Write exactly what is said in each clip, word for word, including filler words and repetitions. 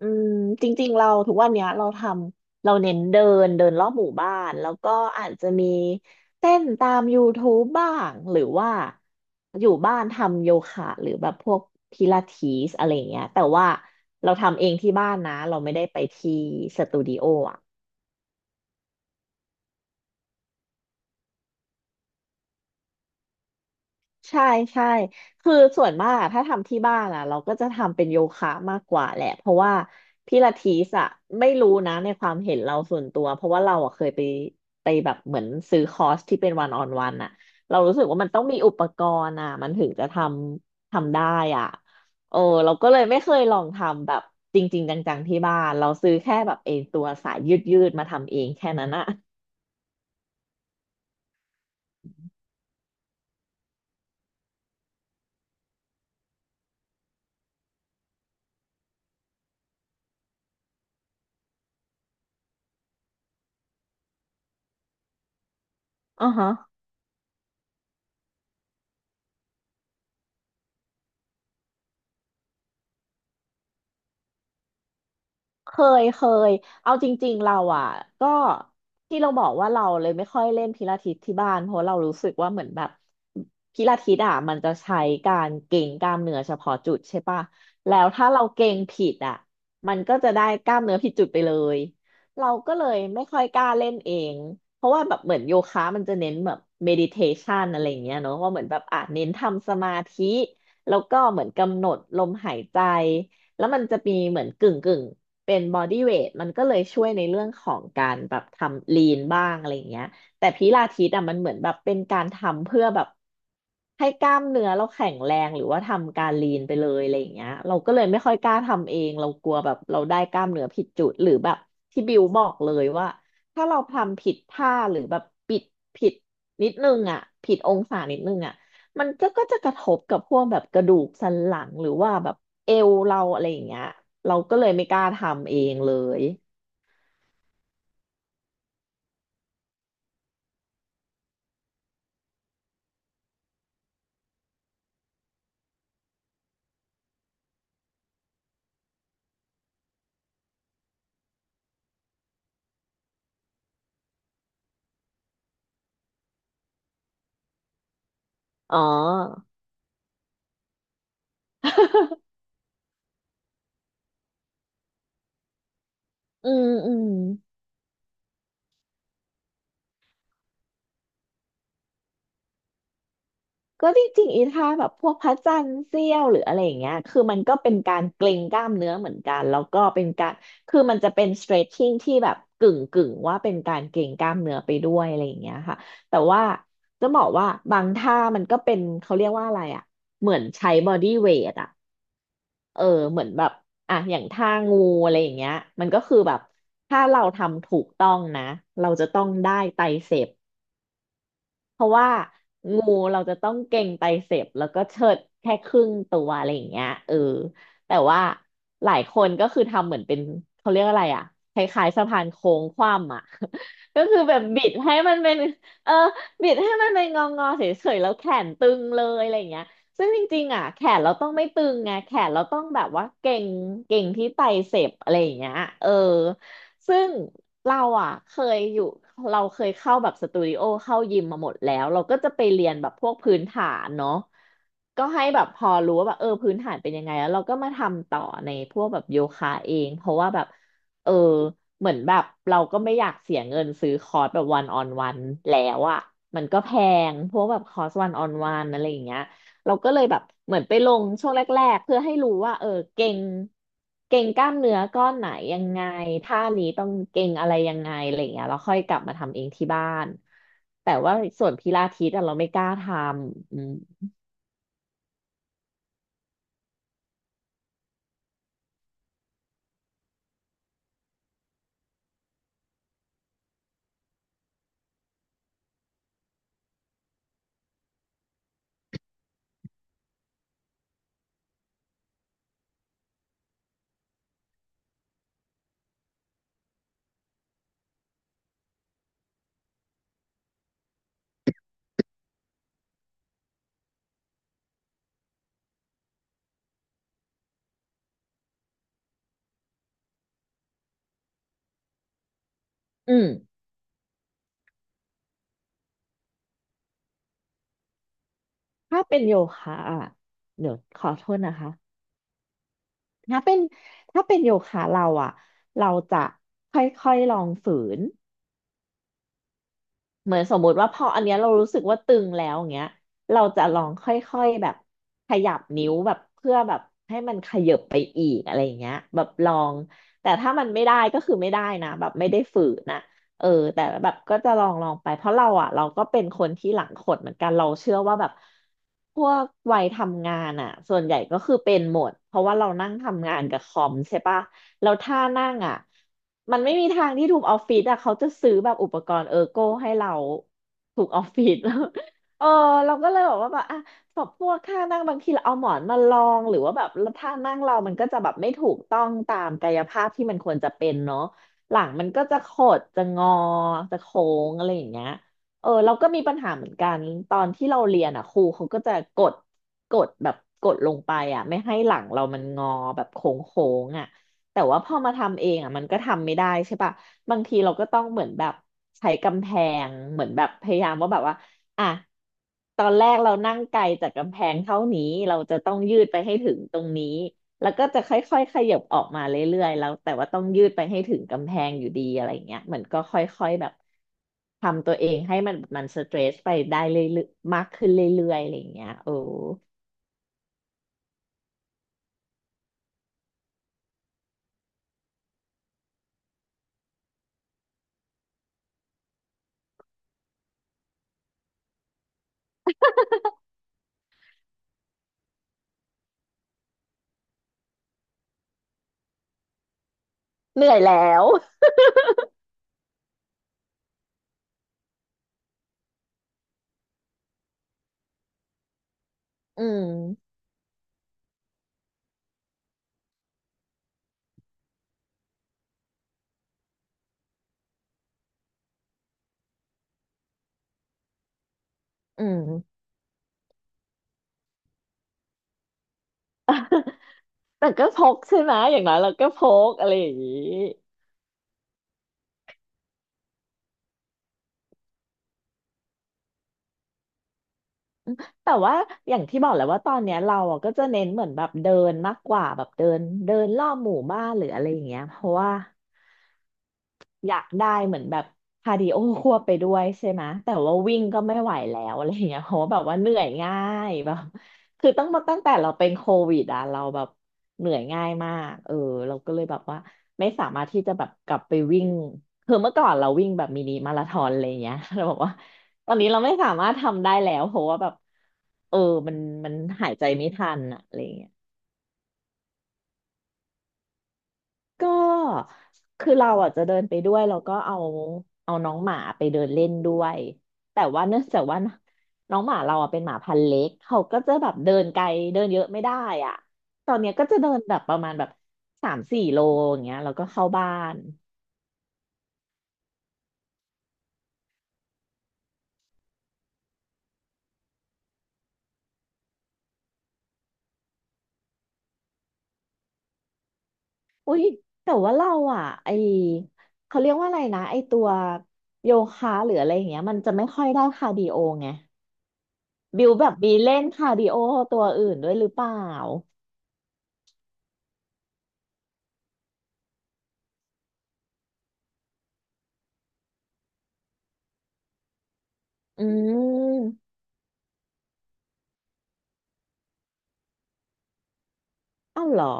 อืมจริงๆเราทุกวันเนี้ยเราทำเราเน้นเดินเดินรอบหมู่บ้านแล้วก็อาจจะมีเต้นตามยูทูบบ้างหรือว่าอยู่บ้านทำโยคะหรือแบบพวกพิลาทิสอะไรเงี้ยแต่ว่าเราทำเองที่บ้านนะเราไม่ได้ไปที่สตูดิโออ่ะ ใช่ใช่คือส่วนมากอะถ้าทำที่บ้านอ่ะเราก็จะทำเป็นโยคะมากกว่าแหละเพราะว่าพิลาทิสอ่ะไม่รู้นะในความเห็นเราส่วนตัวเพราะว่าเราอะเคยไปไปแบบเหมือนซื้อคอร์สที่เป็นวันออนวันอ่ะเรารู้สึกว่ามันต้องมีอุปกรณ์อ่ะมันถึงจะทำทำได้อ่ะโอ้เราก็เลยไม่เคยลองทำแบบจริงๆจังๆที่บ้านเราซื้อแค่แบบเองตัวสายยืดๆมาทำเองแค่นั้นอ่ะอ๋อ เคยเคยเอาจริงๆเราอ่ะก็ที่เราบอกว่าเราเลยไม่ค่อยเล่นพิลาทิสที่บ้านเพราะเรารู้สึกว่าเหมือนแบบพิลาทิสอ่ะมันจะใช้การเกร็งกล้ามเนื้อเฉพาะจุดใช่ปะแล้วถ้าเราเกร็งผิดอ่ะมันก็จะได้กล้ามเนื้อผิดจุดไปเลยเราก็เลยไม่ค่อยกล้าเล่นเองเพราะว่าแบบเหมือนโยคะมันจะเน้นแบบเมดิเทชันอะไรอย่างเงี้ยเนอะว่าเหมือนแบบอ่ะเน้นทำสมาธิแล้วก็เหมือนกำหนดลมหายใจแล้วมันจะมีเหมือนกึ่งกึ่ง เป็นบอดี้เวทมันก็เลยช่วยในเรื่องของการแบบทำลีนบ้างอะไรอย่างเงี้ยแต่พิลาทิสอ่ะมันเหมือนแบบเป็นการทำเพื่อแบบให้กล้ามเนื้อเราแข็งแรงหรือว่าทำการลีนไปเลยอะไรอย่างเงี้ยเราก็เลยไม่ค่อยกล้าทำเองเรากลัวแบบเราได้กล้ามเนื้อผิดจุดหรือแบบที่บิวบอกเลยว่าถ้าเราทำผิดท่าหรือแบบปิดผิดนิดนึงอ่ะผิดองศานิดนึงอ่ะมันก็ก็จะกระทบกับพวกแบบกระดูกสันหลังหรือว่าแบบ เอวเราอะไรอย่างเงี้ยเราก็เลยไม่กล้าทำเองเลยอ๋ออืมอืมก็จริงๆอีท่าแบบพวกพระจันทร์เสี้ยวหรืออะไรอย่างเงี้ยคือมันก็เป็นการเกร็งกล้ามเนื้อเหมือนกันแล้วก็เป็นการคือมันจะเป็น stretching ที่แบบกึ่งกึ่งว่าเป็นการเกร็งกล้ามเนื้อไปด้วยอะไรอย่างเงี้ยค่ะแต่ว่าจะบอกว่าบางท่ามันก็เป็นเขาเรียกว่าอะไรอ่ะเหมือนใช้ body weight อ่ะ เออเหมือนแบบอ่ะอย่างท่างูอะไรอย่างเงี้ยมันก็คือแบบถ้าเราทำถูกต้องนะเราจะต้องได้ไตรเสพ เพราะว่างูเราจะต้องเก่งไตรเสพแล้วก็เชิดแค่ครึ่งตัวอะไรอย่างเงี้ยเออแต่ว่าหลายคนก็คือทำเหมือนเป็นเขาเรียกอะไรอ่ะคล้ายๆสะพานโค้งคว่ำอ่ะ ก็คือแบบบิดให้มันเป็นเออบิดให้มันเป็นงองอเฉยๆแล้วแขนตึงเลยอะไรอย่างเงี้ยซึ่งจริงๆอ่ะแขนเราต้องไม่ตึงไงแขนเราต้องแบบว่าเก่งเก่งที่ไตรเสพอะไรอย่างเงี้ยเออ ซึ่งเราอ่ะเคยอยู่เราเคยเข้าแบบสตูดิโอเข้ายิมมาหมดแล้วเราก็จะไปเรียนแบบพวกพื้นฐานเนาะก็ให้แบบพอรู้ว่าแบบเออพื้นฐานเป็นยังไงแล้วเราก็มาทำต่อในพวกแบบโยคะเองเพราะว่าแบบเออเหมือนแบบเราก็ไม่อยากเสียเงินซื้อคอร์สแบบวันออนวันแล้วอ่ะมันก็แพงพวกแบบคอร์สวันออนวันอะไรอย่างเงี้ย เราก็เลยแบบเหมือนไปลงช่วงแรกๆเพื่อให้รู้ว่าเออเก่งเก่งกล้ามเนื้อก้อนไหนยังไงท่านี้ต้องเก่งอะไรยังไงอะไรอย่างเงี้ยเราค่อยกลับมาทำเองที่บ้านแต่ว่าส่วนพิลาทิสอะเราไม่กล้าทำอืมอืมถ้าเป็นโยคะอ่ะเดี๋ยวขอโทษนะคะถ้าเป็นถ้าเป็นโยคะเราอ่ะเราจะค่อยๆลองฝืน เหมือนสมมุติว่าพออันเนี้ยเรารู้สึกว่าตึงแล้วอย่างเงี้ยเราจะลองค่อยๆแบบขยับนิ้วแบบเพื่อแบบให้มันขยับ แต่ถ้ามันไม่ได้ก็คือไม่ได้นะแบบไม่ได้ฝืนนะเออแต่แบบก็จะลองลองไปเพราะเราอ่ะเราก็เป็นคนที่หลังขดเหมือนกันเราเชื่อว่าแบบพวกวัยทำงานอ่ะส่วนใหญ่ก็คือเป็นหมดเพราะว่าเรานั่งทำงานกับคอมใช่ปะแล้วท่านั่งอ่ะมันไม่มีทางที่ถูกออฟฟิศอ่ะเขาจะซื้อแบบอุปกรณ์เออร์โก้ให้เราถูกออฟฟิศ เออเราก็เลยบอกว่าแบบอ่ะ แบบพวกท่านั่งบางทีเราเอาหมอนมารองหรือว่าแบบท่านั่งเรามันก็จะแบบไม่ถูกต้องตามกายภาพที่มันควรจะเป็นเนาะหลังมันก็จะขดจะงอจะโค้งอะไรอย่างเงี้ยเออเราก็มีปัญหาเหมือนกันตอนที่เราเรียนอ่ะครูเขาก็จะกดกดแบบกดลงไปอ่ะไม่ให้หลังเรามันงอแบบโค้งโค้งอ่ะแต่ว่าพอมาทำเองอ่ะมันก็ทำไม่ได้ใช่ปะบางทีเราก็ต้องเหมือนแบบใช้กำแพงเหมือนแบบพยายามว่าแบบว่า อ่ะตอนแรกเรานั่งไกลจากกำแพงเท่านี้เราจะต้องยืดไปให้ถึงตรงนี้แล้วก็จะค่อยๆขยับออกมาเรื่อยๆแล้วแต่ว่าต้องยืดไปให้ถึงกำแพงอยู่ดีอะไรเงี้ยเหมือนก็ค่อยๆแบบทำตัวเองให้มันมันสเตรสไปได้เรื่อยๆมากขึ้นเรื่อยๆอะไรเงี้ยโอ้เหนื่อยแล้วอืมอืมแต่ก็พกใช่ไหมอย่างน้อยเราก็พกอะไรอย่างนี้ แต่ว่าอย่างที่บอกแหละว่าตอนเนี้ยเราอ่ะก็จะเน้นเหมือนแบบเดินมากกว่าแบบเดินเดินรอบหมู่บ้านหรืออะไรอย่างเงี้ยเพราะว่า อยากได้เหมือนแบบคาร์ดิโอควบไปด้วยใช่ไหมแต่ว่าวิ่งก็ไม่ไหวแล้ว อะไรอย่างเงี้ยเพราะว่าแบบว่าเหนื่อยง่ายแบบคือต้องมาตั้งแต่เราเป็นโควิดอ่ะเราแบบเหนื่อยง่ายมากเออเราก็เลยแบบว่าไม่สามารถที่จะแบบกลับไปวิ่งคือเมื่อก่อนเราวิ่งแบบมินิมาราธอนอะไรอย่างเงี้ย เราบอกว่าตอนนี้เราไม่สามารถทำได้แล้วเพราะว่าแบบเออมันมันหายใจไม่ทันอะอะไรอย่างเงี้ย ก็คือเราอ่ะจะเดินไปด้วยแล้วก็เอาเอาน้องหมาไปเดินเล่นด้วยแต่ว่าเนื่องจากว่าน้องหมาเราอ่ะเป็นหมาพันธุ์เล็กเขาก็จะแบบเดินไกลเดินเยอะไม่ได้อ่ะตอนเนี้ยก็จะเดินแบบประมาณแบบสามสี่โลอย่างเงี้ยแล้วก็เข้าบ้านอุ้ยแต่ว่าเราอ่ะไอเขาเรียกว่าอะไรนะไอตัวโยคะหรืออะไรอย่างเงี้ยมันจะไม่ค่อยได้คาร์ดิโอไงบิวแบบมีเล่นคาร์ดิโอตัวอื่นด้วยหรือเปล่าอืม เอ้าเหรอ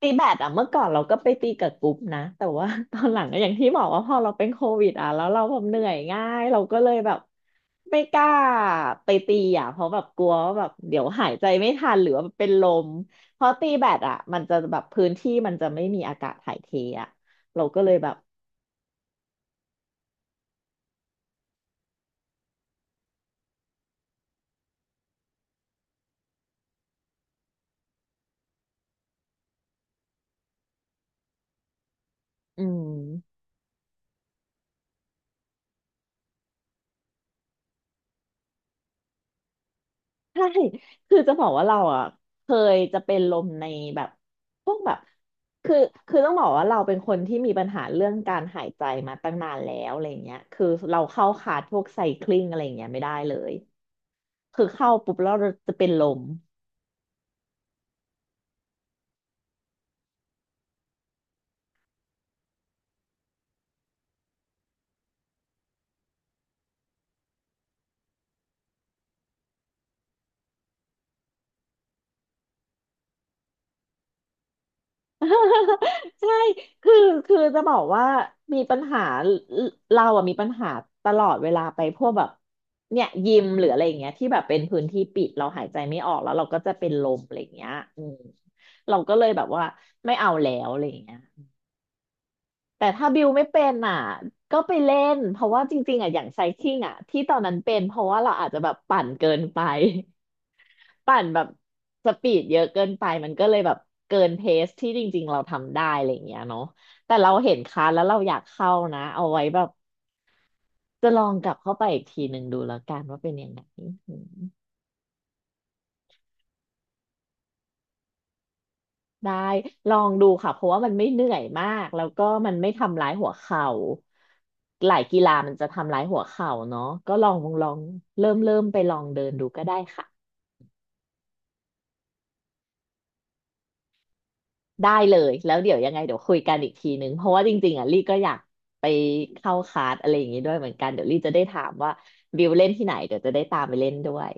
ตีแบดอะเมื่อก่อนเราก็ไปตีกับกรุ๊ปนะแต่ว่า ตอนหลังก็อย่างที่บอกว่าพอเราเป็นโควิดอะแล้วเราแบบเหนื่อยง่ายเราก็เลยแบบไม่กล้าไปตีอะเพราะแบบกลัวว่าแบบเดี๋ยวหายใจไม่ทันหรือว่าเป็นลมเพราะตีแบดอะมันจะแบบพื้นที่มันจะไม่มีอากาศถ่ายเทอะเราก็เลยแบบอืม ใช่คือจะบอกว่าเราอ่ะเคยจะเป็นลมในแบบพวกแบบคือคือต้องบอกว่าเราเป็นคนที่มีปัญหาเรื่องการหายใจมาตั้งนานแล้วอะไรเงี้ยคือเราเข้าคลาสพวกไซคลิงอะไรเงี้ยไม่ได้เลย คือเข้าปุ๊บแล้วเราจะเป็นลม ใช่คือคือจะบอกว่ามีปัญหาเราอะมีปัญหาตลอดเวลาไปพวกแบบเนี่ยยิมหรืออะไรอย่างเงี้ยที่แบบเป็นพื้นที่ปิดเราหายใจไม่ออกแล้วเราก็จะเป็นลมอะไรอย่างเงี้ยอืมเราก็เลยแบบว่าไม่เอาแล้วอะไรอย่างเงี้ยแต่ถ้าบิวไม่เป็นอ่ะ ก็ไปเล่นเพราะว่าจริงๆอ่ะอย่างไซคลิงอ่ะที่ตอนนั้นเป็นเพราะว่าเราอาจจะแบบปั่นเกินไป ปั่นแบบสปีดเยอะเกินไปมันก็เลยแบบเกินเพสที่จริงๆเราทำได้อะไรอย่างเงี้ยเนาะแต่เราเห็นคลาสแล้วเราอยากเข้านะเอาไว้แบบจะลองกลับเข้าไปอีกทีหนึ่งดูแล้วกันว่าเป็นยังไงอืมได้ลองดูค่ะเพราะว่ามันไม่เหนื่อยมากแล้วก็มันไม่ทำร้ายหัวเข่าหลายกีฬามันจะทำร้ายหัวเข่าเนาะก็ลองลองเริ่มเริ่มไปลองเดินดูก็ได้ค่ะ ได้เลยแล้วเดี๋ยวยังไงเดี๋ยวคุยกันอีกทีนึงเพราะว่าจริงๆอ่ะลี่ก็อยากไปเข้าคลาสอะไรอย่างงี้ด้วยเหมือนกันเดี๋ยวลี่จะได้ถามว่าบิวเล่นที่ไหนเดี๋ยวจะได้ตามไปเล่นด้วย